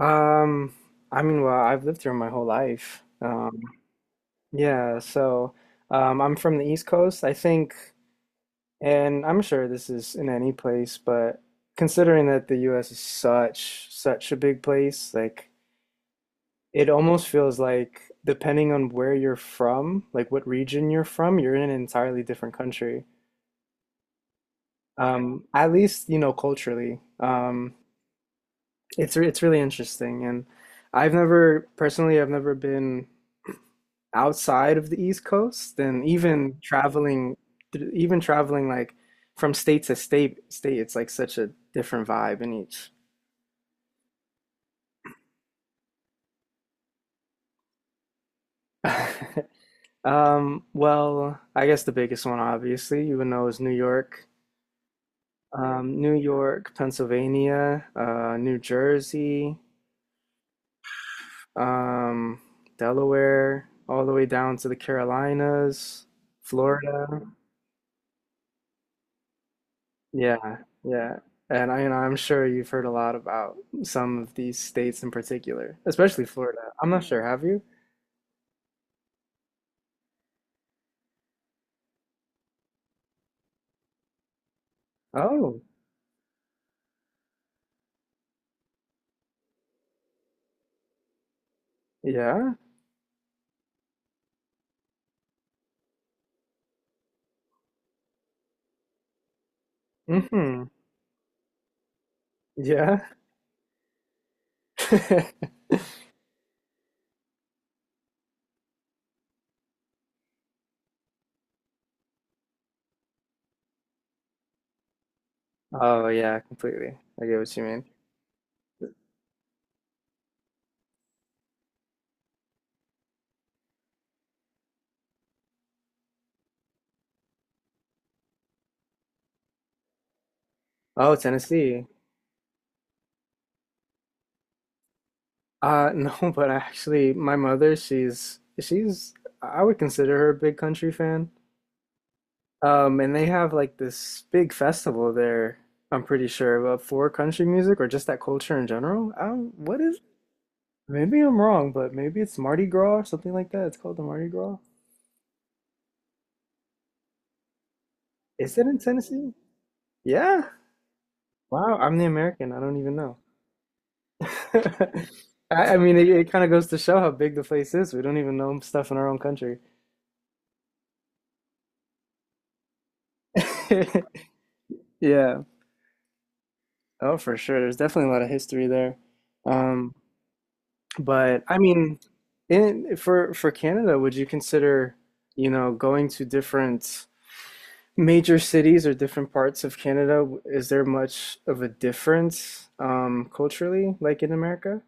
Um, I mean, well, I've lived here my whole life. Yeah, so I'm from the East Coast, I think, and I'm sure this is in any place, but considering that the US is such a big place, like it almost feels like depending on where you're from, like what region you're from, you're in an entirely different country. At least, culturally. It's really interesting, and I've never personally I've never been outside of the East Coast, and even traveling, like from state to state, it's like such a different vibe in each. Well, I guess the biggest one, obviously, you would know is New York, New York, Pennsylvania, New Jersey, um, Delaware, all the way down to the Carolinas, Florida. Yeah, yeah. And I'm sure you've heard a lot about some of these states in particular, especially Florida. I'm not sure, have you? Oh, yeah. Mm-hmm. Yeah. Oh, yeah, completely. I get what you mean. Oh, Tennessee. No, but actually, my mother, she's I would consider her a big country fan. And they have like this big festival there, I'm pretty sure, for country music or just that culture in general. What is Maybe I'm wrong, but maybe it's Mardi Gras or something like that. It's called the Mardi Gras. Is it in Tennessee? Yeah. Wow, I'm the American. I don't even know. I mean, it kind of goes to show how big the place is. We don't even know stuff in our own country. Yeah. Oh, for sure. There's definitely a lot of history there. Um, but I mean, in for Canada, would you consider, going to different major cities or different parts of Canada, is there much of a difference culturally like in America?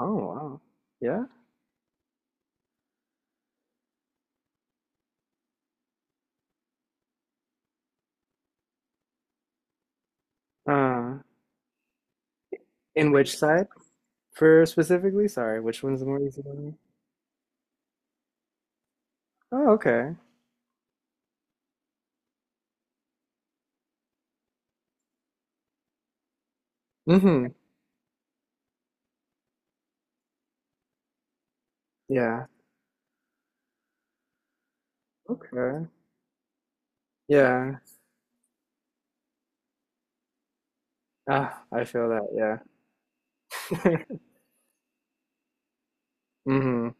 Oh wow. Yeah. Uh in which side for specifically? Sorry, which one's the more easy one? Oh, okay. Mm-hmm. Yeah. Okay. Yeah. Ah, I feel that, yeah. Mm-hmm.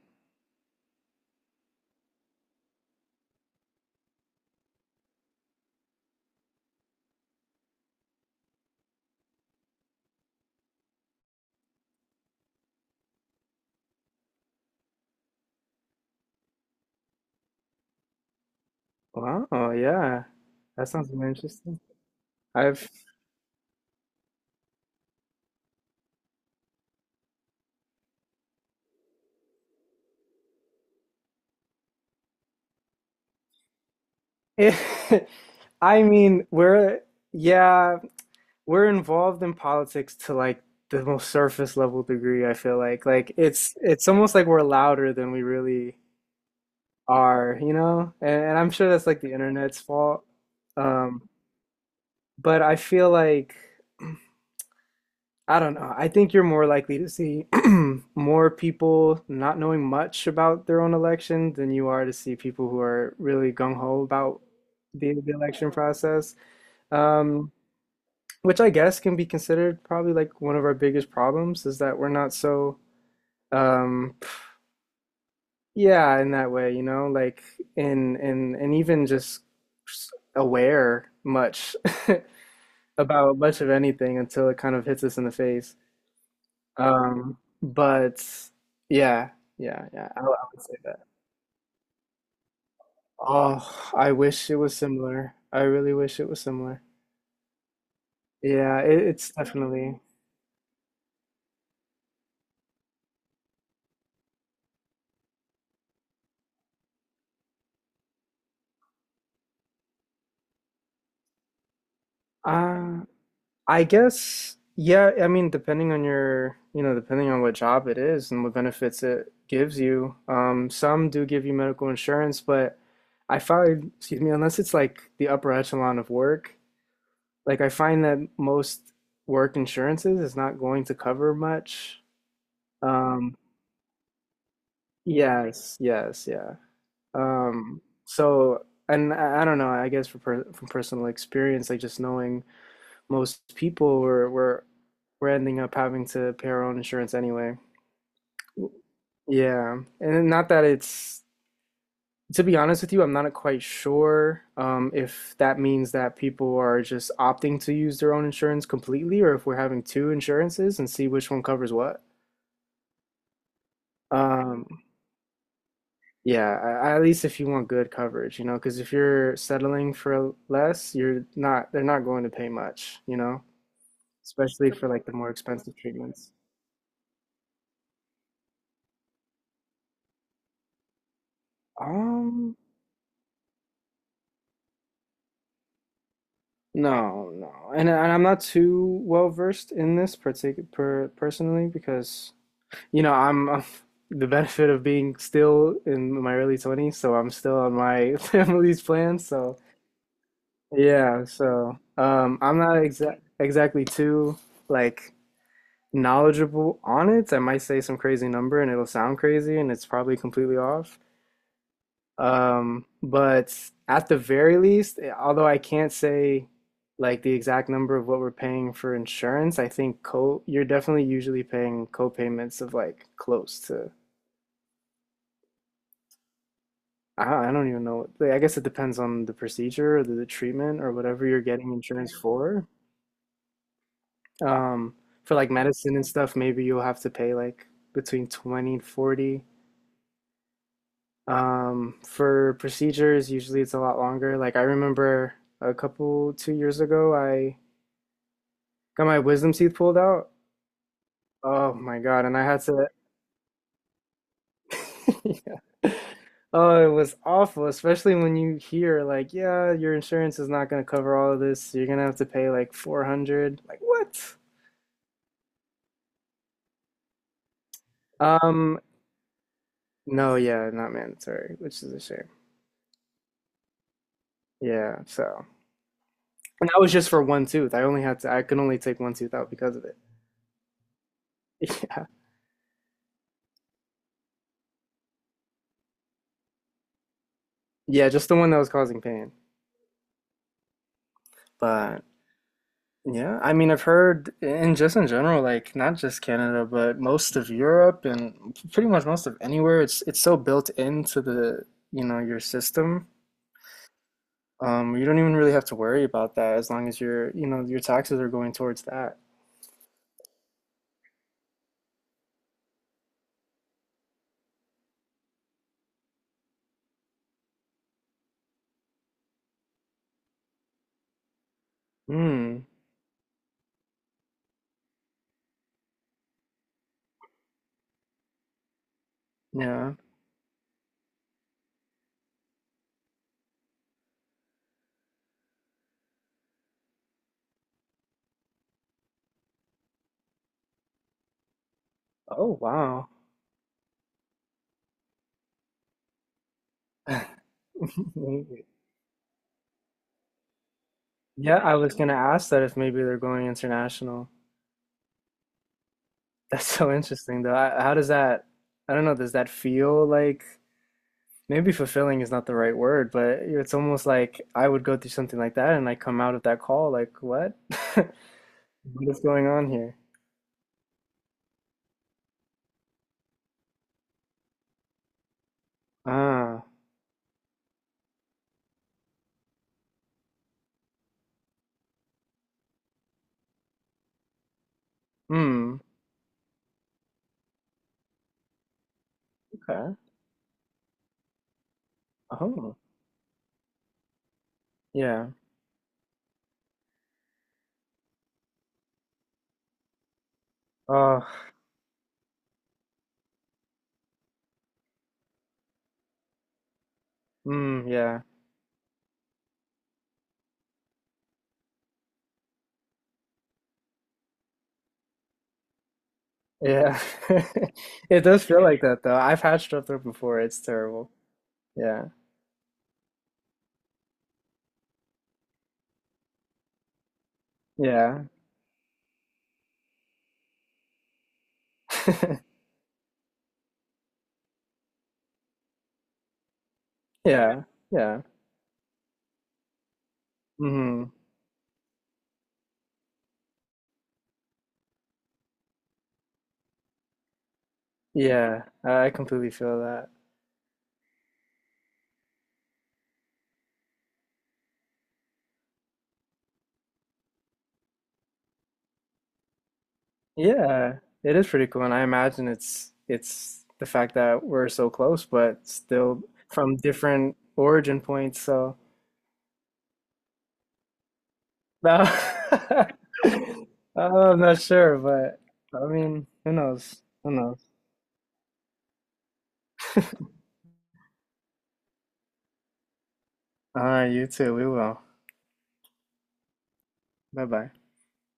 Wow, yeah. That sounds really interesting. I've I mean, we're, yeah, we're involved in politics to like the most surface level degree, I feel like. Like it's almost like we're louder than we really are, you know? And I'm sure that's like the internet's fault. Um, but I feel like I don't know. I think you're more likely to see more people not knowing much about their own election than you are to see people who are really gung ho about the election process. Um, which I guess can be considered probably like one of our biggest problems is that we're not so um yeah, in that way, like, in and even just aware much about much of anything until it kind of hits us in the face. um but yeah, yeah, yeah, I would say that. Oh, I wish it was similar, I really wish it was similar, yeah, it's definitely. Uh, I guess, yeah, I mean, depending on your, depending on what job it is and what benefits it gives you, some do give you medical insurance. But I find, excuse me, unless it's like the upper echelon of work, like I find that most work insurances is not going to cover much. Um, yes, yes, yeah. So, and I don't know, I guess from personal experience, like just knowing. Most people were ending up having to pay our own insurance anyway. Yeah. And not that it's, to be honest with you, I'm not quite sure if that means that people are just opting to use their own insurance completely, or if we're having two insurances and see which one covers what. Um, yeah, at least if you want good coverage, because if you're settling for less, you're not, they're not going to pay much, especially for like the more expensive treatments. Um, No, no, and I'm not too well versed in this particular personally because I'm, I the benefit of being still in my early 20s, so I'm still on my family's plan. So yeah, so I'm not exactly too like knowledgeable on it. I might say some crazy number and it'll sound crazy, and it's probably completely off. But at the very least, eh, although I can't say like the exact number of what we're paying for insurance, I think co you're definitely usually paying co-payments of like close to I don't even know. Like, I guess it depends on the procedure or the treatment or whatever you're getting insurance for. Um, for like medicine and stuff, maybe you'll have to pay like between 20 and 40. For procedures, usually it's a lot longer. Like I remember a couple, 2 years ago, I got my wisdom teeth pulled out. Oh my God. And I had to, yeah. Oh, it was awful, especially when you hear like, yeah, your insurance is not going to cover all of this. So you're going to have to pay like 400. Like, what? Um, no, yeah, not mandatory, which is a shame. Yeah, so. And that was just for one tooth. I could only take one tooth out because of it. Yeah. Yeah, just the one that was causing pain. But yeah, I mean, I've heard in just in general, like not just Canada, but most of Europe and pretty much most of anywhere, it's so built into the, your system. You don't even really have to worry about that as long as your taxes are going towards that. Hmm. Yeah. Oh, wow. Yeah, I was gonna ask that if maybe they're going international. That's so interesting, though. How does that? I don't know. Does that feel like? Maybe fulfilling is not the right word, but it's almost like I would go through something like that and I come out of that call like, what? What is going on here? Ah, hmm, okay. Oh, yeah. Oh, mm, yeah. Yeah. It does feel like that though. I've had strep throat before. It's terrible. Yeah. Yeah. Yeah. Yeah. Hmm. Yeah. I completely feel that. Yeah, it is pretty cool, and I imagine it's the fact that we're so close, but still from different origin points. So no, I'm not sure, but I mean, who knows? Who knows? All right, you too. We will. Bye bye.